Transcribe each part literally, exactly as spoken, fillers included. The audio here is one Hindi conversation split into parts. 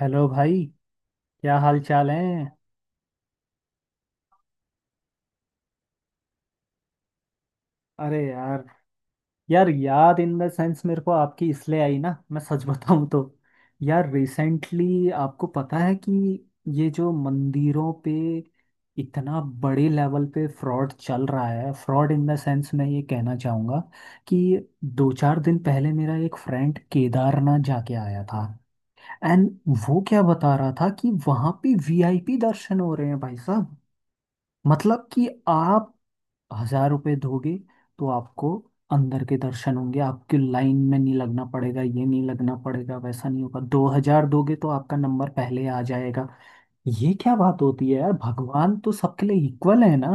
हेलो भाई। क्या हाल चाल है? अरे यार। यार, याद इन द सेंस मेरे को आपकी इसलिए आई ना, मैं सच बताऊं तो। यार रिसेंटली आपको पता है कि ये जो मंदिरों पे इतना बड़े लेवल पे फ्रॉड चल रहा है, फ्रॉड इन द सेंस मैं ये कहना चाहूँगा कि दो चार दिन पहले मेरा एक फ्रेंड केदारनाथ जाके आया था। एंड वो क्या बता रहा था कि वहाँ पे वीआईपी दर्शन हो रहे हैं भाई साहब। मतलब कि आप हजार रुपये दोगे तो आपको अंदर के दर्शन होंगे, आपके लाइन में नहीं लगना पड़ेगा, ये नहीं लगना पड़ेगा, वैसा नहीं होगा। दो हजार दोगे तो आपका नंबर पहले आ जाएगा। ये क्या बात होती है यार? भगवान तो सबके लिए इक्वल है ना।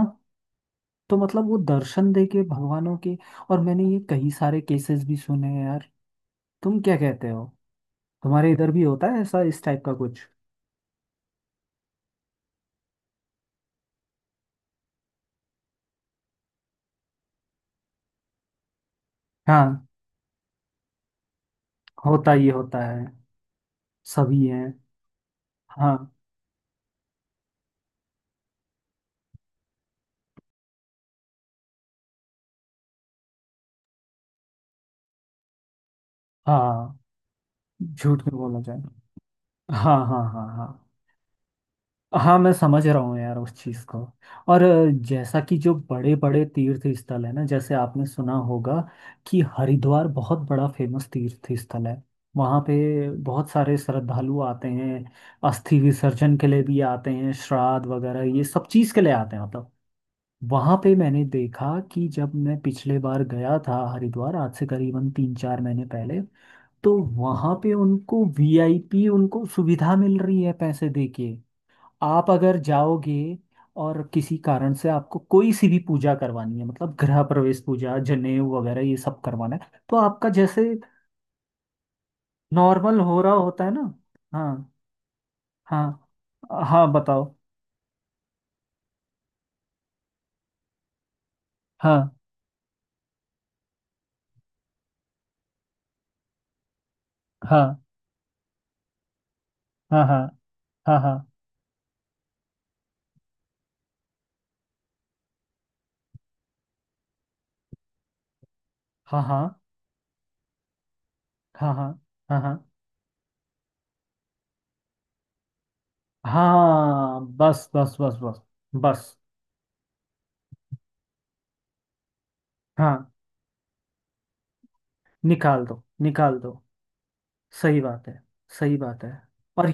तो मतलब वो दर्शन दे के भगवानों के। और मैंने ये कई सारे केसेस भी सुने हैं यार। तुम क्या कहते हो? तुम्हारे इधर भी होता है ऐसा, इस टाइप का कुछ? हाँ। होता ही होता है। सभी हैं। हाँ हाँ। झूठ नहीं बोला जाए। हाँ हाँ हाँ हाँ। हाँ मैं समझ रहा हूँ यार उस चीज़ को। और अ, जैसा कि जो बड़े बड़े तीर्थ स्थल है ना, जैसे आपने सुना होगा कि हरिद्वार बहुत बड़ा फेमस तीर्थ स्थल है। वहाँ पे बहुत सारे श्रद्धालु आते हैं, अस्थि विसर्जन के लिए भी आते हैं, श्राद्ध वगैरह ये सब चीज़ के लिए आते हैं मतलब। वहाँ पे मैंने देखा कि जब मैं पिछले बार गया था हरिद्वार, आज से करीबन तीन चार महीने पहले, तो वहाँ पे उनको वीआईपी, उनको सुविधा मिल रही है पैसे देके। आप अगर जाओगे और किसी कारण से आपको कोई सी भी पूजा करवानी है, मतलब गृह प्रवेश पूजा जनेऊ वगैरह ये सब करवाना है, तो आपका जैसे नॉर्मल हो रहा होता है ना। हाँ हाँ। हाँ बताओ। हाँ हाँ हाँ हाँ हाँ हाँ हाँ हाँ हाँ हाँ हाँ हाँ। हाँ बस बस बस बस। बस। हाँ। निकाल दो। निकाल दो। सही बात है। सही बात है। और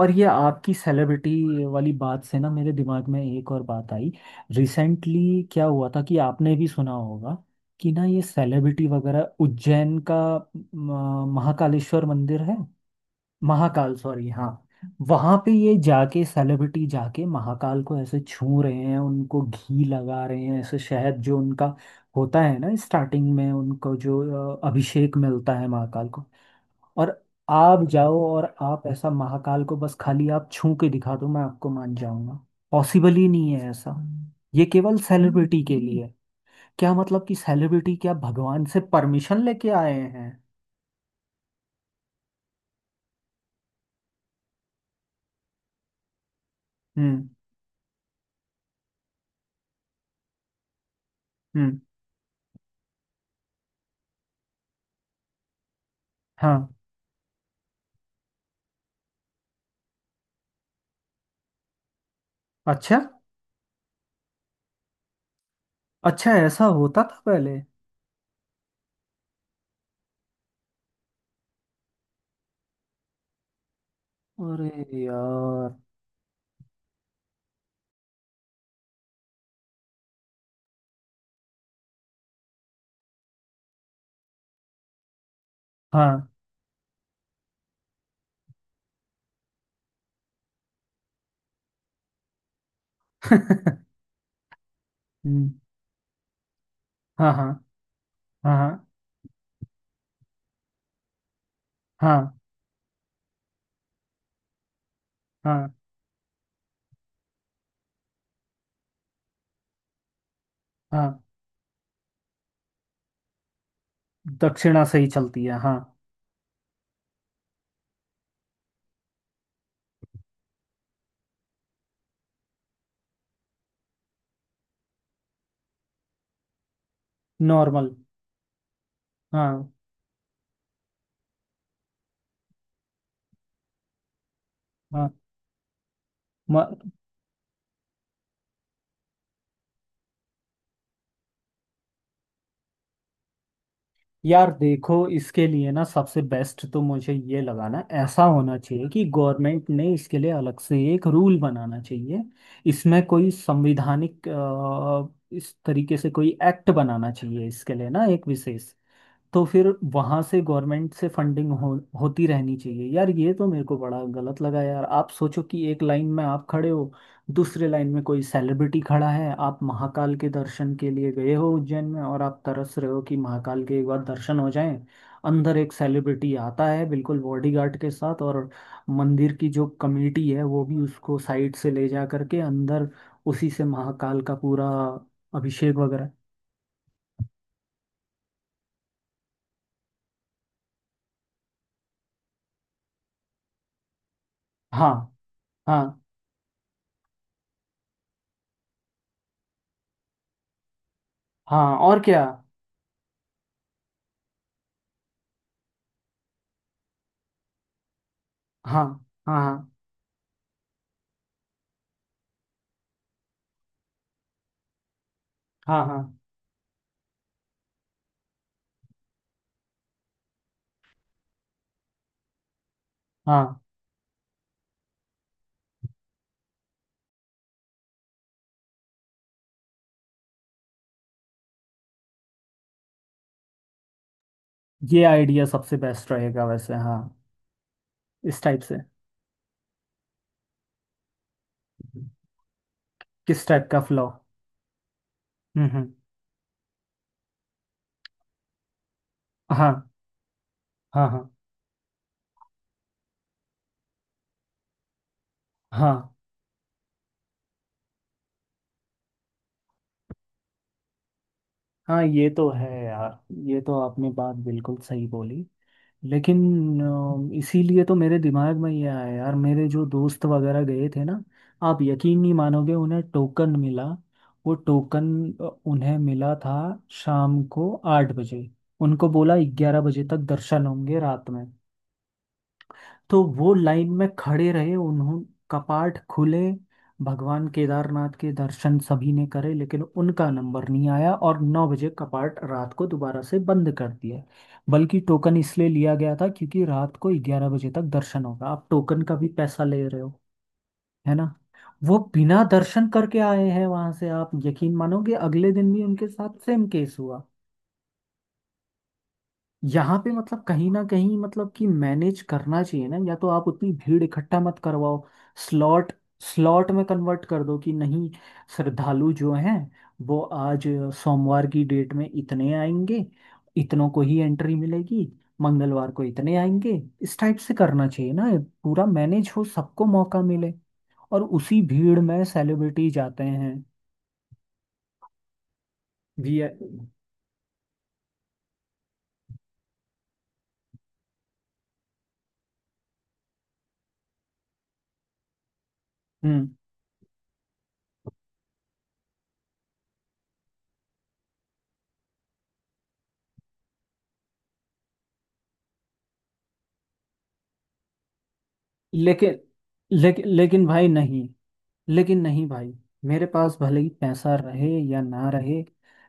और ये आपकी सेलिब्रिटी वाली बात से ना मेरे दिमाग में एक और बात आई। रिसेंटली क्या हुआ था कि आपने भी सुना होगा कि ना ये सेलिब्रिटी वगैरह उज्जैन का, म, महाकालेश्वर मंदिर है। महाकाल, सॉरी, हाँ। वहां पे ये जाके सेलिब्रिटी जाके महाकाल को ऐसे छू रहे हैं, उनको घी लगा रहे हैं, ऐसे शहद जो उनका होता है ना स्टार्टिंग में उनको जो अ, अभिषेक मिलता है महाकाल को। और आप जाओ और आप ऐसा महाकाल को बस खाली आप छू के दिखा दो, मैं आपको मान जाऊंगा। पॉसिबल ही नहीं है ऐसा। ये केवल सेलिब्रिटी के लिए है। क्या मतलब कि सेलिब्रिटी क्या भगवान से परमिशन लेके आए हैं? हम्म हम्म। हाँ। अच्छा। अच्छा, ऐसा होता था पहले? अरे यार। हाँ। हम्म, हाँ हाँ हाँ हाँ हाँ हाँ हाँ। दक्षिणा से ही चलती है, हाँ। नॉर्मल। हाँ हाँ। म- यार देखो इसके लिए ना सबसे बेस्ट तो मुझे ये लगा ना, ऐसा होना चाहिए कि गवर्नमेंट ने इसके लिए अलग से एक रूल बनाना चाहिए। इसमें कोई संवैधानिक अ, इस तरीके से कोई एक्ट बनाना चाहिए इसके लिए ना, एक विशेष। तो फिर वहां से गवर्नमेंट से फंडिंग हो, होती रहनी चाहिए यार। ये तो मेरे को बड़ा गलत लगा यार। आप सोचो कि एक लाइन में आप खड़े हो, दूसरे लाइन में कोई सेलिब्रिटी खड़ा है, आप महाकाल के दर्शन के लिए गए हो उज्जैन में और आप तरस रहे हो कि महाकाल के एक बार दर्शन हो जाएं। अंदर एक सेलिब्रिटी आता है बिल्कुल बॉडीगार्ड के साथ और मंदिर की जो कमेटी है वो भी उसको साइड से ले जा करके अंदर, उसी से महाकाल का पूरा अभिषेक वगैरह। हाँ हाँ हाँ, और क्या। हाँ हाँ हाँ हाँ। हाँ हाँ। ये आइडिया सबसे बेस्ट रहेगा वैसे, हाँ। इस टाइप से। किस टाइप का फ्लो? हम्म हम्म। हाँ हाँ हाँ हाँ हाँ। ये तो है यार, ये तो आपने बात बिल्कुल सही बोली। लेकिन अ, इसीलिए तो मेरे दिमाग में ये आया यार, मेरे जो दोस्त वगैरह गए थे ना, आप यकीन नहीं मानोगे उन्हें टोकन मिला। वो टोकन उन्हें मिला था शाम को आठ बजे। उनको बोला ग्यारह बजे तक दर्शन होंगे रात में। तो वो लाइन में खड़े रहे, उन्हों कपाट खुले, भगवान केदारनाथ के दर्शन सभी ने करे, लेकिन उनका नंबर नहीं आया और नौ बजे कपाट रात को दोबारा से बंद कर दिया। बल्कि टोकन इसलिए लिया गया था क्योंकि रात को ग्यारह बजे तक दर्शन होगा, आप टोकन का भी पैसा ले रहे हो, है ना। वो बिना दर्शन करके आए हैं वहां से। आप यकीन मानोगे अगले दिन भी उनके साथ सेम केस हुआ। यहाँ पे मतलब कहीं ना कहीं मतलब कि मैनेज करना चाहिए ना, या तो आप उतनी भीड़ इकट्ठा मत करवाओ, स्लॉट, स्लॉट में कन्वर्ट कर दो कि नहीं। श्रद्धालु जो हैं वो आज सोमवार की डेट में इतने आएंगे, इतनों को ही एंट्री मिलेगी, मंगलवार को इतने आएंगे, इस टाइप से करना चाहिए ना। पूरा मैनेज हो, सबको मौका मिले। और उसी भीड़ में सेलिब्रिटी जाते हैं। वी हम्म। लेकिन लेकिन लेकिन भाई नहीं। लेकिन नहीं भाई। मेरे पास भले ही पैसा रहे या ना रहे,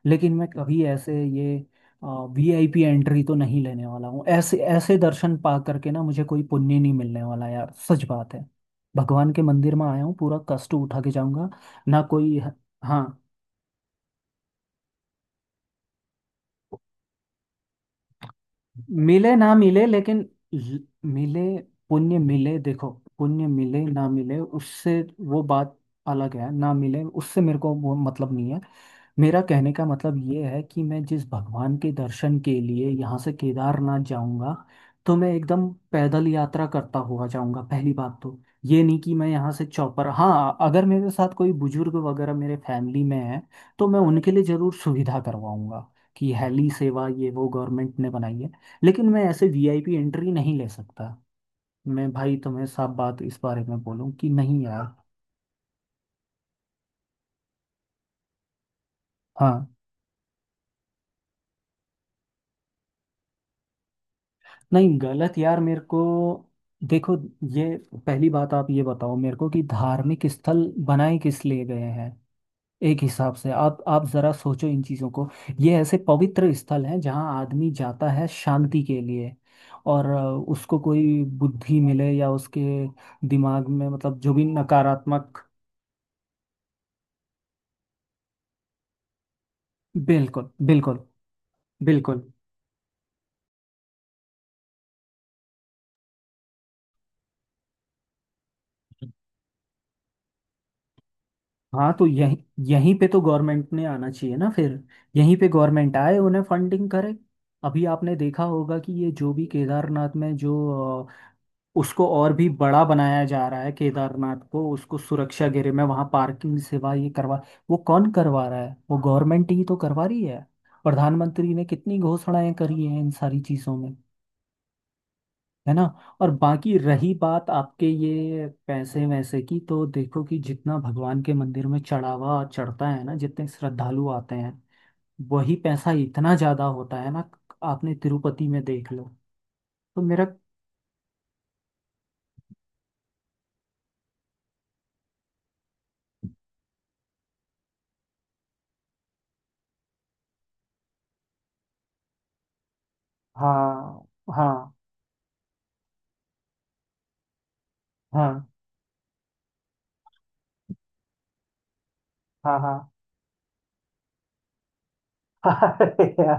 लेकिन मैं कभी ऐसे ये वीआईपी एंट्री तो नहीं लेने वाला हूँ। ऐसे ऐसे दर्शन पा करके ना मुझे कोई पुण्य नहीं मिलने वाला यार, सच बात है। भगवान के मंदिर में आया हूँ पूरा कष्ट उठा के जाऊंगा। ना कोई। हाँ। मिले ना मिले लेकिन ल- मिले, पुण्य मिले, देखो, पुण्य मिले ना मिले उससे, वो बात अलग है। ना मिले उससे मेरे को वो मतलब नहीं है। मेरा कहने का मतलब ये है कि मैं जिस भगवान के दर्शन के लिए यहाँ से केदारनाथ जाऊँगा तो मैं एकदम पैदल यात्रा करता हुआ जाऊँगा, पहली बात तो। ये नहीं कि मैं यहाँ से चौपर। हाँ, अगर मेरे साथ कोई बुजुर्ग वगैरह मेरे फैमिली में है तो मैं उनके लिए ज़रूर सुविधा करवाऊँगा कि हेली सेवा ये वो गवर्नमेंट ने बनाई है। लेकिन मैं ऐसे वीआईपी एंट्री नहीं ले सकता। मैं भाई तुम्हें साफ बात इस बारे में बोलूँ कि नहीं यार। हाँ। नहीं गलत यार मेरे को। देखो, ये पहली बात आप ये बताओ मेरे को कि धार्मिक स्थल बनाए किस लिए गए हैं। एक हिसाब से आप आप जरा सोचो इन चीजों को। ये ऐसे पवित्र स्थल हैं जहाँ आदमी जाता है शांति के लिए। और अ, उसको कोई बुद्धि मिले, या उसके दिमाग में मतलब जो भी नकारात्मक। बिल्कुल बिल्कुल। बिल्कुल। हाँ तो यहीं, यहीं पे तो गवर्नमेंट ने आना चाहिए ना फिर। यहीं पे गवर्नमेंट आए, उन्हें फंडिंग करे। अभी आपने देखा होगा कि ये जो भी केदारनाथ में जो अ, उसको और भी बड़ा बनाया जा रहा है, केदारनाथ को उसको सुरक्षा घेरे में, वहाँ पार्किंग सेवा ये करवा, वो कौन करवा रहा है? वो गवर्नमेंट ही तो करवा रही है। प्रधानमंत्री ने कितनी घोषणाएं करी हैं इन सारी चीज़ों में, है ना। और बाकी रही बात आपके ये पैसे वैसे की, तो देखो कि जितना भगवान के मंदिर में चढ़ावा चढ़ता है ना, जितने श्रद्धालु आते हैं, वही पैसा इतना ज्यादा होता है ना। आपने तिरुपति में देख लो। तो मेरा, हाँ हाँ हाँ हाँ हाँ। अरे यार।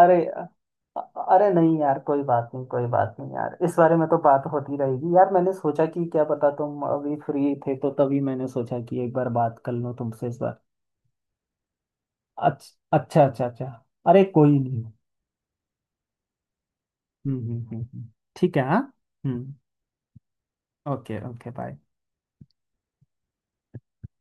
अरे। अरे नहीं यार, कोई बात नहीं, कोई बात नहीं यार, इस बारे में तो बात होती रहेगी यार। मैंने सोचा कि क्या पता तुम अभी फ्री थे, तो तभी मैंने सोचा कि एक बार बात कर लूं तुमसे इस बारे। अच्छ- अच्छा अच्छा अच्छा। अरे कोई नहीं। हम्म हम्म हम्म हम्म। ठीक है, हाँ। हम्म। Okay okay bye.